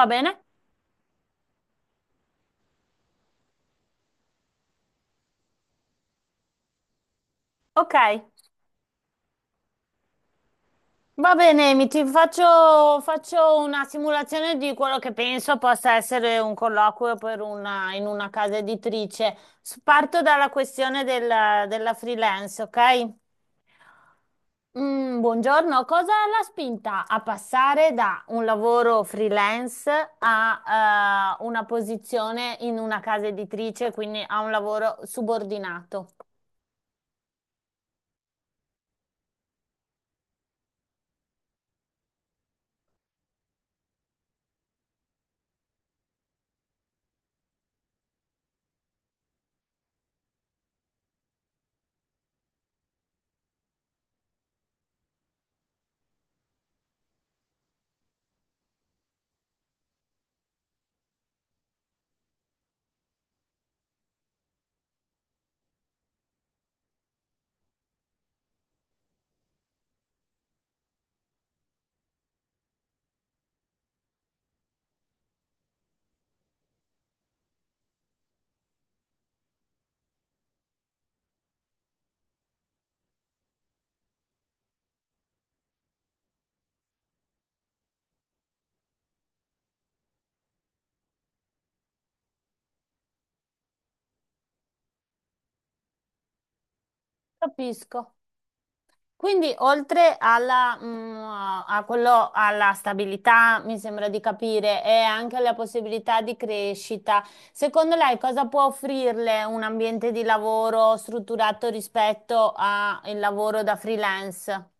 Va bene? Ok. Va bene, faccio una simulazione di quello che penso possa essere un colloquio in una casa editrice. Parto dalla questione della freelance, ok? Buongiorno, cosa l'ha spinta a passare da un lavoro freelance a una posizione in una casa editrice, quindi a un lavoro subordinato? Capisco. Quindi oltre alla, mm, a quello, alla stabilità, mi sembra di capire, e anche alla possibilità di crescita, secondo lei cosa può offrirle un ambiente di lavoro strutturato rispetto al lavoro da freelance?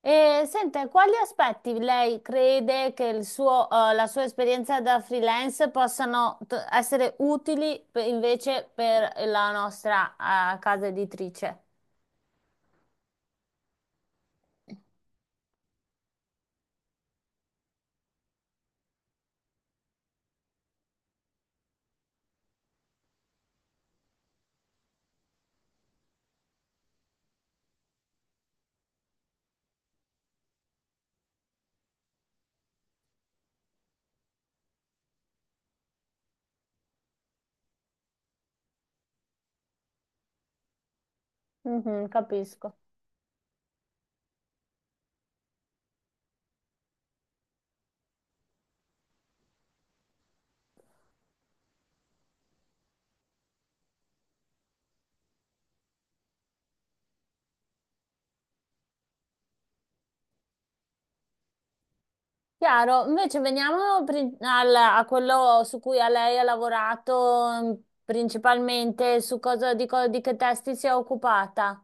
E sente, quali aspetti lei crede che la sua esperienza da freelance essere utili invece per la nostra, casa editrice? Mhm, capisco. Chiaro, invece veniamo a quello su cui a lei ha lavorato, mm, principalmente, su cosa, di, co- di che testi si è occupata.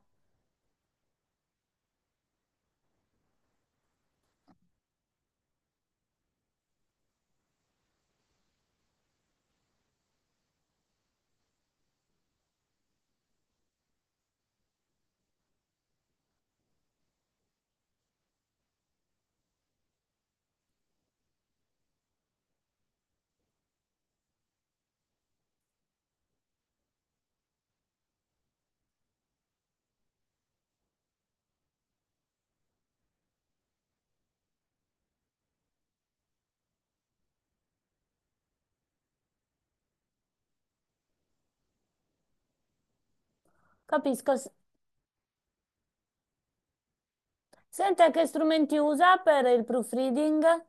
Capisco. Senta, che strumenti usa per il proofreading?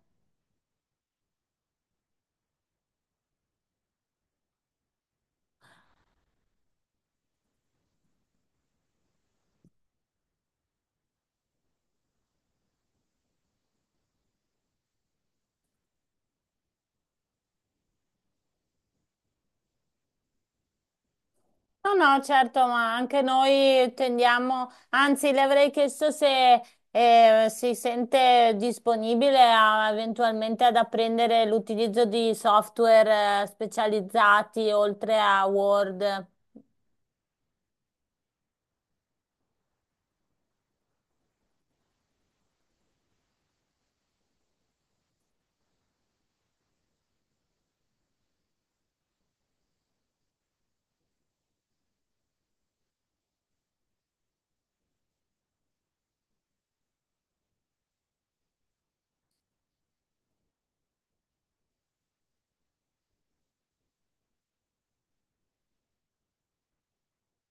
No, no, certo, ma anche noi tendiamo, anzi, le avrei chiesto se si sente disponibile eventualmente ad apprendere l'utilizzo di software, specializzati, oltre a Word.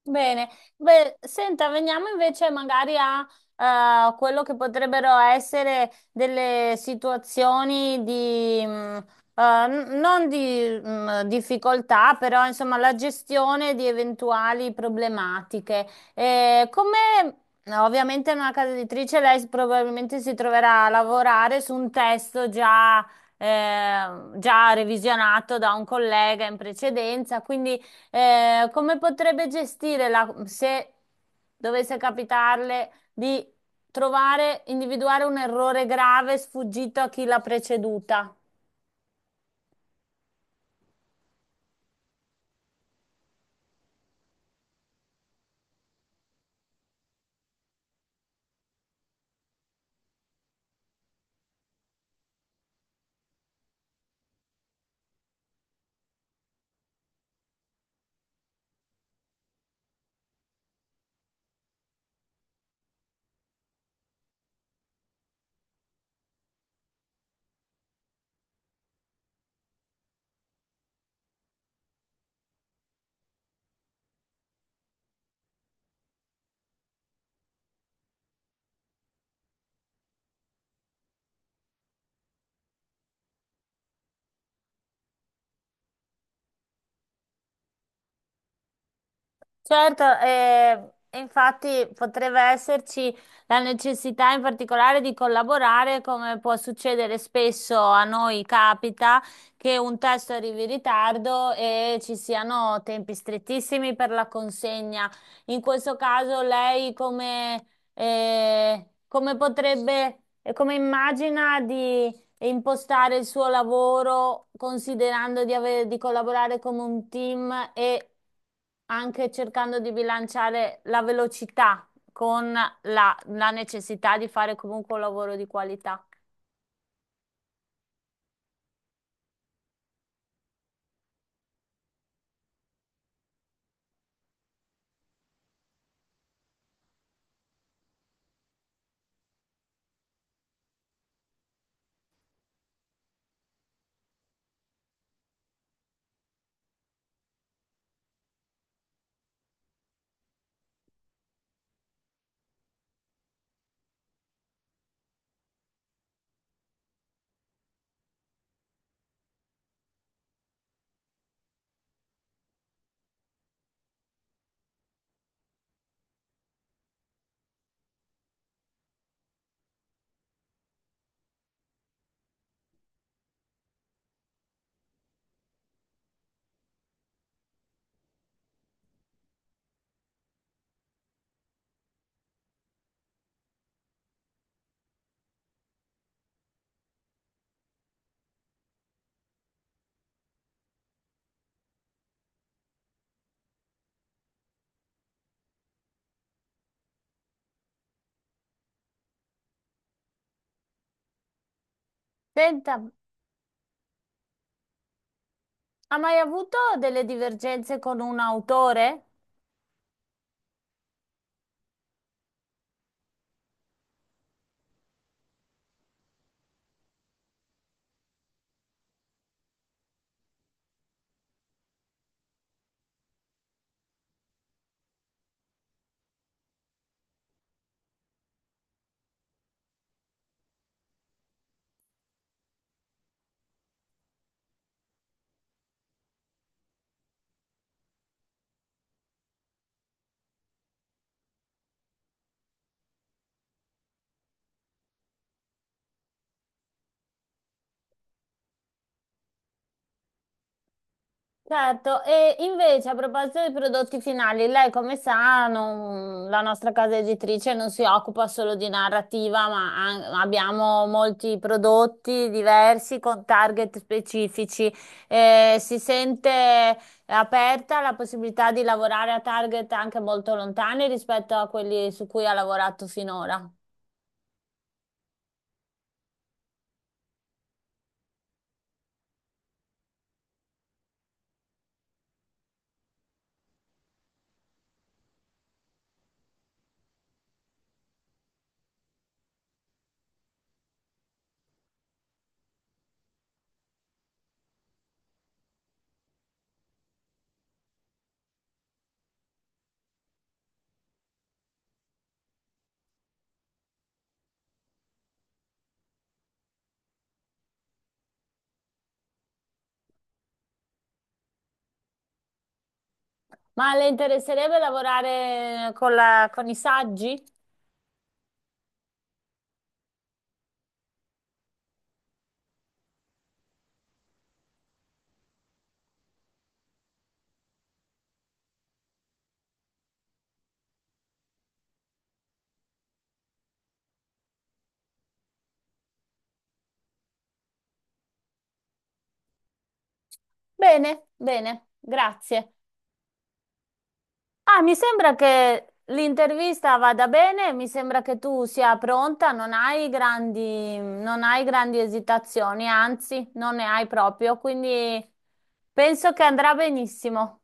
Bene, beh, senta, veniamo invece magari a quello che potrebbero essere delle situazioni di, non di difficoltà, però insomma la gestione di eventuali problematiche. Come no, ovviamente in una casa editrice lei probabilmente si troverà a lavorare su un testo già revisionato da un collega in precedenza, quindi, come potrebbe gestire se dovesse capitarle di individuare un errore grave sfuggito a chi l'ha preceduta? Certo, infatti potrebbe esserci la necessità in particolare di collaborare, come può succedere spesso a noi, capita che un testo arrivi in ritardo e ci siano tempi strettissimi per la consegna. In questo caso lei eh, come potrebbe, come immagina e impostare il suo lavoro, considerando di di collaborare come un team e anche cercando di bilanciare la velocità con la necessità di fare comunque un lavoro di qualità. Senta, ha mai avuto delle divergenze con un autore? Certo, e invece a proposito dei prodotti finali, lei come sa, la nostra casa editrice non si occupa solo di narrativa, ma abbiamo molti prodotti diversi con target specifici. Si sente aperta la possibilità di lavorare a target anche molto lontani rispetto a quelli su cui ha lavorato finora. Ma le interesserebbe lavorare con con i saggi? Bene, bene, grazie. Ah, mi sembra che l'intervista vada bene, mi sembra che tu sia pronta, non hai grandi esitazioni, anzi, non ne hai proprio, quindi penso che andrà benissimo.